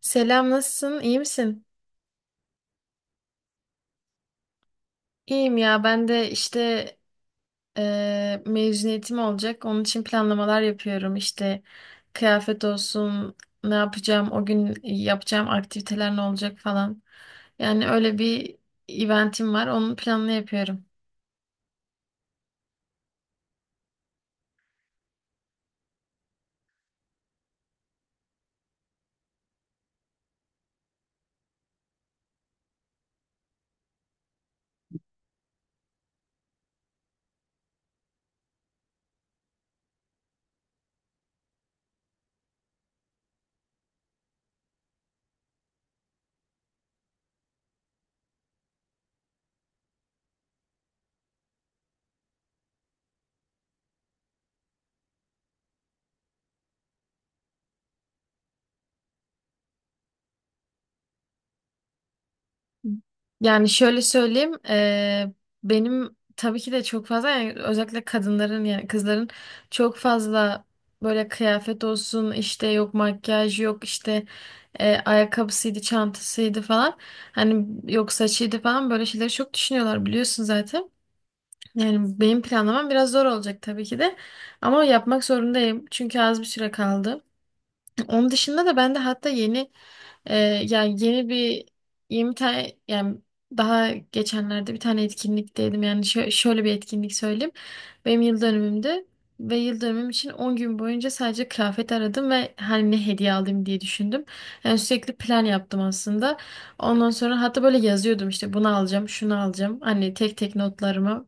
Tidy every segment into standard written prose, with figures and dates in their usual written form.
Selam, nasılsın? İyi misin? İyiyim ya, ben de işte mezuniyetim olacak. Onun için planlamalar yapıyorum. İşte kıyafet olsun, ne yapacağım, o gün yapacağım aktiviteler ne olacak falan. Yani öyle bir eventim var, onun planını yapıyorum. Yani şöyle söyleyeyim, benim tabii ki de çok fazla yani özellikle kadınların yani kızların çok fazla böyle kıyafet olsun işte yok makyaj yok işte ayakkabısıydı çantasıydı falan hani yok saçıydı falan böyle şeyleri çok düşünüyorlar biliyorsun zaten. Yani benim planlamam biraz zor olacak tabii ki de ama yapmak zorundayım çünkü az bir süre kaldı. Onun dışında da ben de hatta yeni e, yani yeni bir 20 tane yani daha geçenlerde bir tane etkinlikteydim. Yani şöyle bir etkinlik söyleyeyim. Benim yıl dönümümde ve yıl dönümüm için 10 gün boyunca sadece kıyafet aradım ve hani ne hediye alayım diye düşündüm. Yani sürekli plan yaptım aslında. Ondan sonra hatta böyle yazıyordum işte bunu alacağım, şunu alacağım. Hani tek tek notlarımı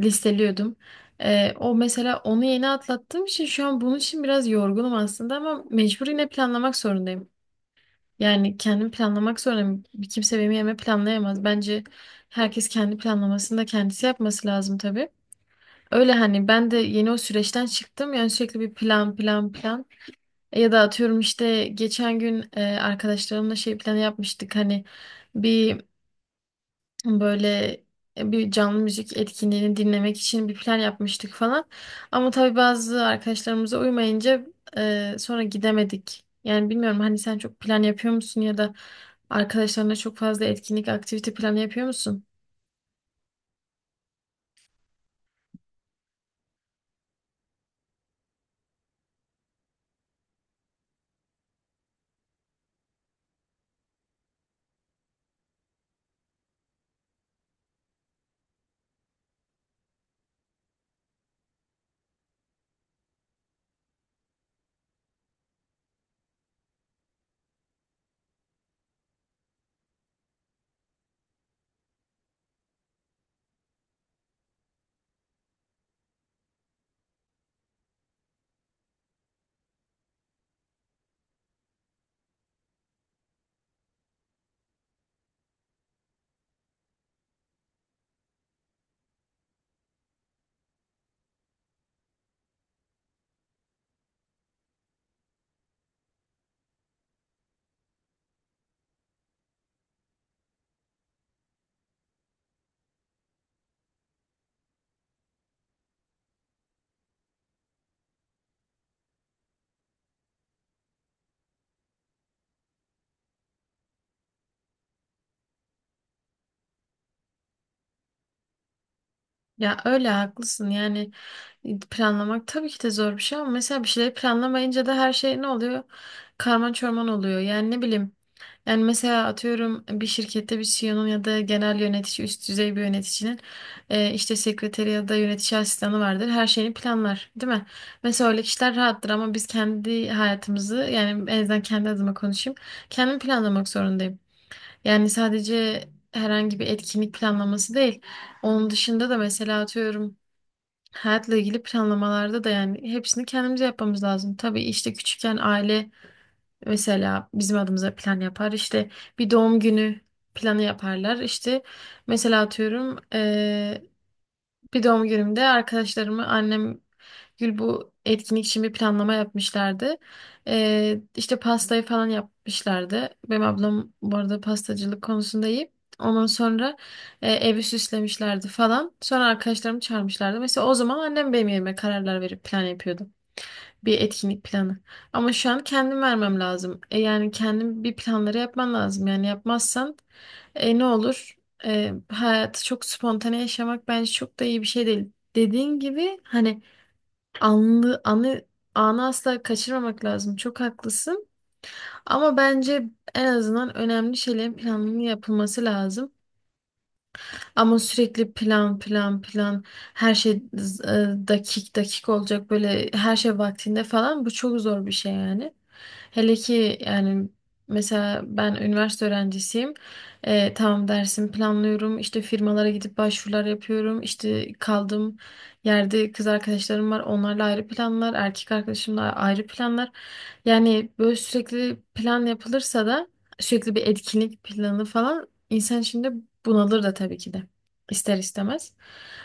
listeliyordum. O mesela onu yeni atlattığım için şu an bunun için biraz yorgunum aslında ama mecbur yine planlamak zorundayım. Yani kendim planlamak zorundayım. Bir kimse benim yerime planlayamaz. Bence herkes kendi planlamasını da kendisi yapması lazım tabii. Öyle hani ben de yeni o süreçten çıktım. Yani sürekli bir plan plan plan. Ya da atıyorum işte geçen gün arkadaşlarımla şey planı yapmıştık. Hani bir böyle bir canlı müzik etkinliğini dinlemek için bir plan yapmıştık falan. Ama tabii bazı arkadaşlarımıza uymayınca sonra gidemedik. Yani bilmiyorum hani sen çok plan yapıyor musun ya da arkadaşlarına çok fazla etkinlik, aktivite planı yapıyor musun? Ya öyle haklısın yani planlamak tabii ki de zor bir şey ama mesela bir şeyleri planlamayınca da her şey ne oluyor? Karman çorman oluyor. Yani ne bileyim, yani mesela atıyorum bir şirkette bir CEO'nun ya da genel yönetici, üst düzey bir yöneticinin işte sekreteri ya da yönetici asistanı vardır. Her şeyini planlar, değil mi? Mesela öyle kişiler rahattır ama biz kendi hayatımızı yani en azından kendi adıma konuşayım. Kendim planlamak zorundayım. Yani sadece herhangi bir etkinlik planlaması değil. Onun dışında da mesela atıyorum hayatla ilgili planlamalarda da yani hepsini kendimize yapmamız lazım. Tabii işte küçükken aile mesela bizim adımıza plan yapar. İşte bir doğum günü planı yaparlar. İşte mesela atıyorum bir doğum günümde arkadaşlarımı annem Gül bu etkinlik için bir planlama yapmışlardı. İşte pastayı falan yapmışlardı. Benim ablam bu arada pastacılık konusunda iyi. Ondan sonra evi süslemişlerdi falan. Sonra arkadaşlarımı çağırmışlardı. Mesela o zaman annem benim yerime kararlar verip plan yapıyordu. Bir etkinlik planı. Ama şu an kendim vermem lazım. E yani kendim bir planları yapman lazım. Yani yapmazsan ne olur? Hayatı çok spontane yaşamak bence çok da iyi bir şey değil. Dediğin gibi hani anlı, anı, anı asla kaçırmamak lazım. Çok haklısın. Ama bence en azından önemli şeylerin planının yapılması lazım. Ama sürekli plan plan plan her şey dakik dakik olacak böyle her şey vaktinde falan bu çok zor bir şey yani. Hele ki yani mesela ben üniversite öğrencisiyim. E, tamam dersimi planlıyorum işte firmalara gidip başvurular yapıyorum işte kaldığım yerde kız arkadaşlarım var onlarla ayrı planlar erkek arkadaşımla ayrı planlar. Yani böyle sürekli plan yapılırsa da sürekli bir etkinlik planı falan insan içinde bunalır da tabii ki de ister istemez.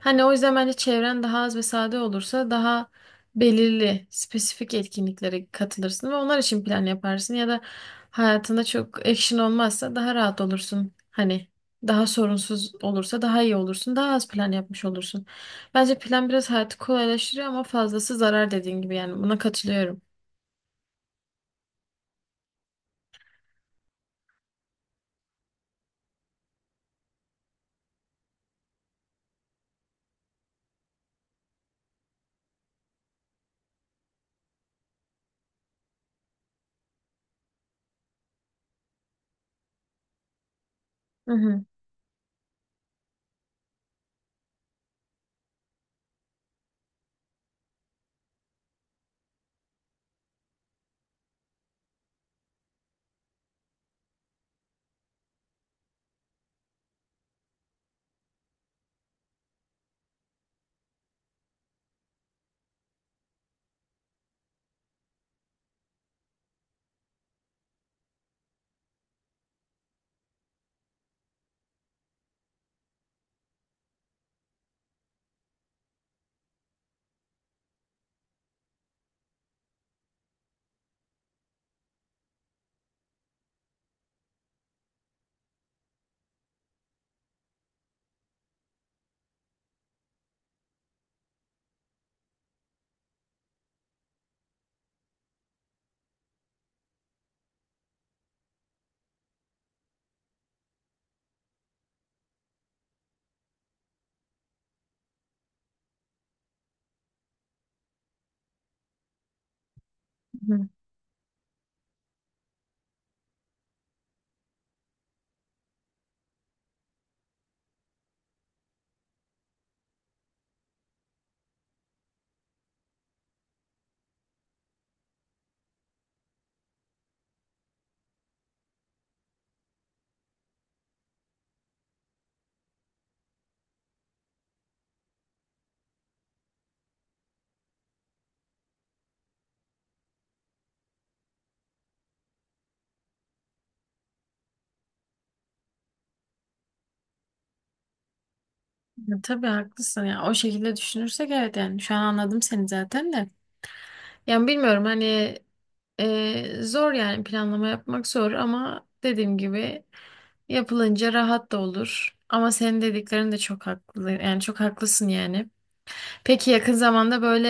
Hani o yüzden bence çevren daha az ve sade olursa daha belirli, spesifik etkinliklere katılırsın ve onlar için plan yaparsın ya da hayatında çok action olmazsa daha rahat olursun. Hani daha sorunsuz olursa daha iyi olursun, daha az plan yapmış olursun. Bence plan biraz hayatı kolaylaştırıyor ama fazlası zarar dediğin gibi yani buna katılıyorum. Hı hı. Hı. Ya tabii haklısın ya. O şekilde düşünürsek evet yani şu an anladım seni zaten de. Yani bilmiyorum hani zor yani planlama yapmak zor ama dediğim gibi yapılınca rahat da olur. Ama senin dediklerin de çok haklı. Yani çok haklısın yani. Peki yakın zamanda böyle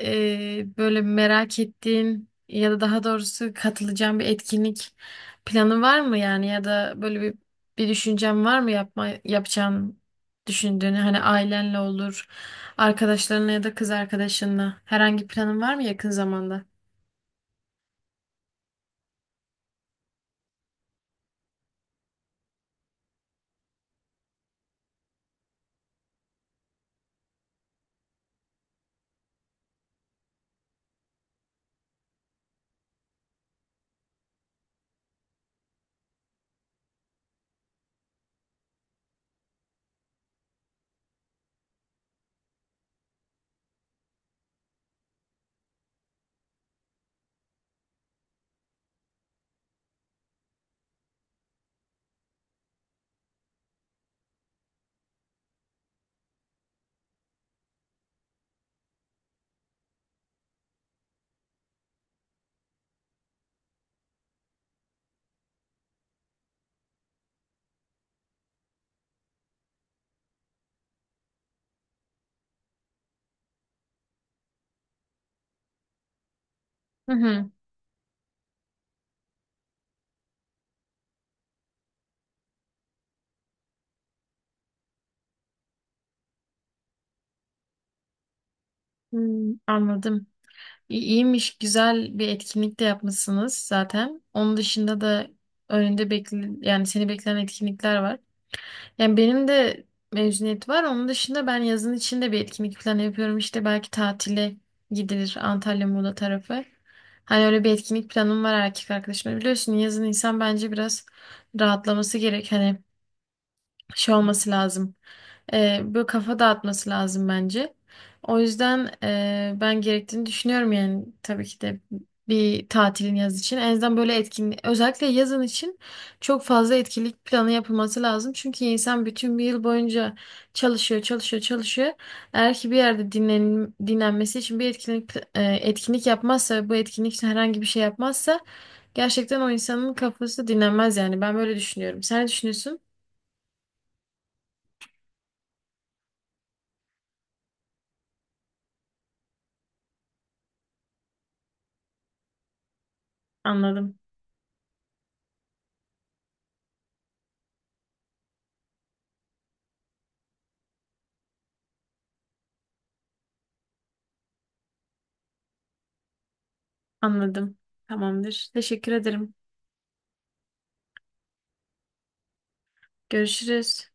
böyle merak ettiğin ya da daha doğrusu katılacağın bir etkinlik planı var mı yani ya da böyle bir düşüncen var mı yapacağın düşündüğünü hani ailenle olur, arkadaşlarınla ya da kız arkadaşınla herhangi bir planın var mı yakın zamanda? Hı hı. Hmm, anladım. İyiymiş, güzel bir etkinlik de yapmışsınız zaten. Onun dışında da önünde bekle yani seni bekleyen etkinlikler var. Yani benim de mezuniyet var. Onun dışında ben yazın içinde bir etkinlik planı yapıyorum. İşte belki tatile gidilir Antalya Muğla tarafı. Hani öyle bir etkinlik planım var erkek arkadaşımla. Biliyorsun yazın insan bence biraz rahatlaması gerek. Hani şey olması lazım. Böyle kafa dağıtması lazım bence. O yüzden ben gerektiğini düşünüyorum yani tabii ki de bir tatilin yaz için. En azından böyle etkinlik özellikle yazın için çok fazla etkinlik planı yapılması lazım. Çünkü insan bütün bir yıl boyunca çalışıyor, çalışıyor, çalışıyor. Eğer ki bir yerde dinlenmesi için bir etkinlik etkinlik yapmazsa ve bu etkinlik için herhangi bir şey yapmazsa gerçekten o insanın kafası dinlenmez yani. Ben böyle düşünüyorum. Sen ne düşünüyorsun? Anladım. Anladım. Tamamdır. Teşekkür ederim. Görüşürüz.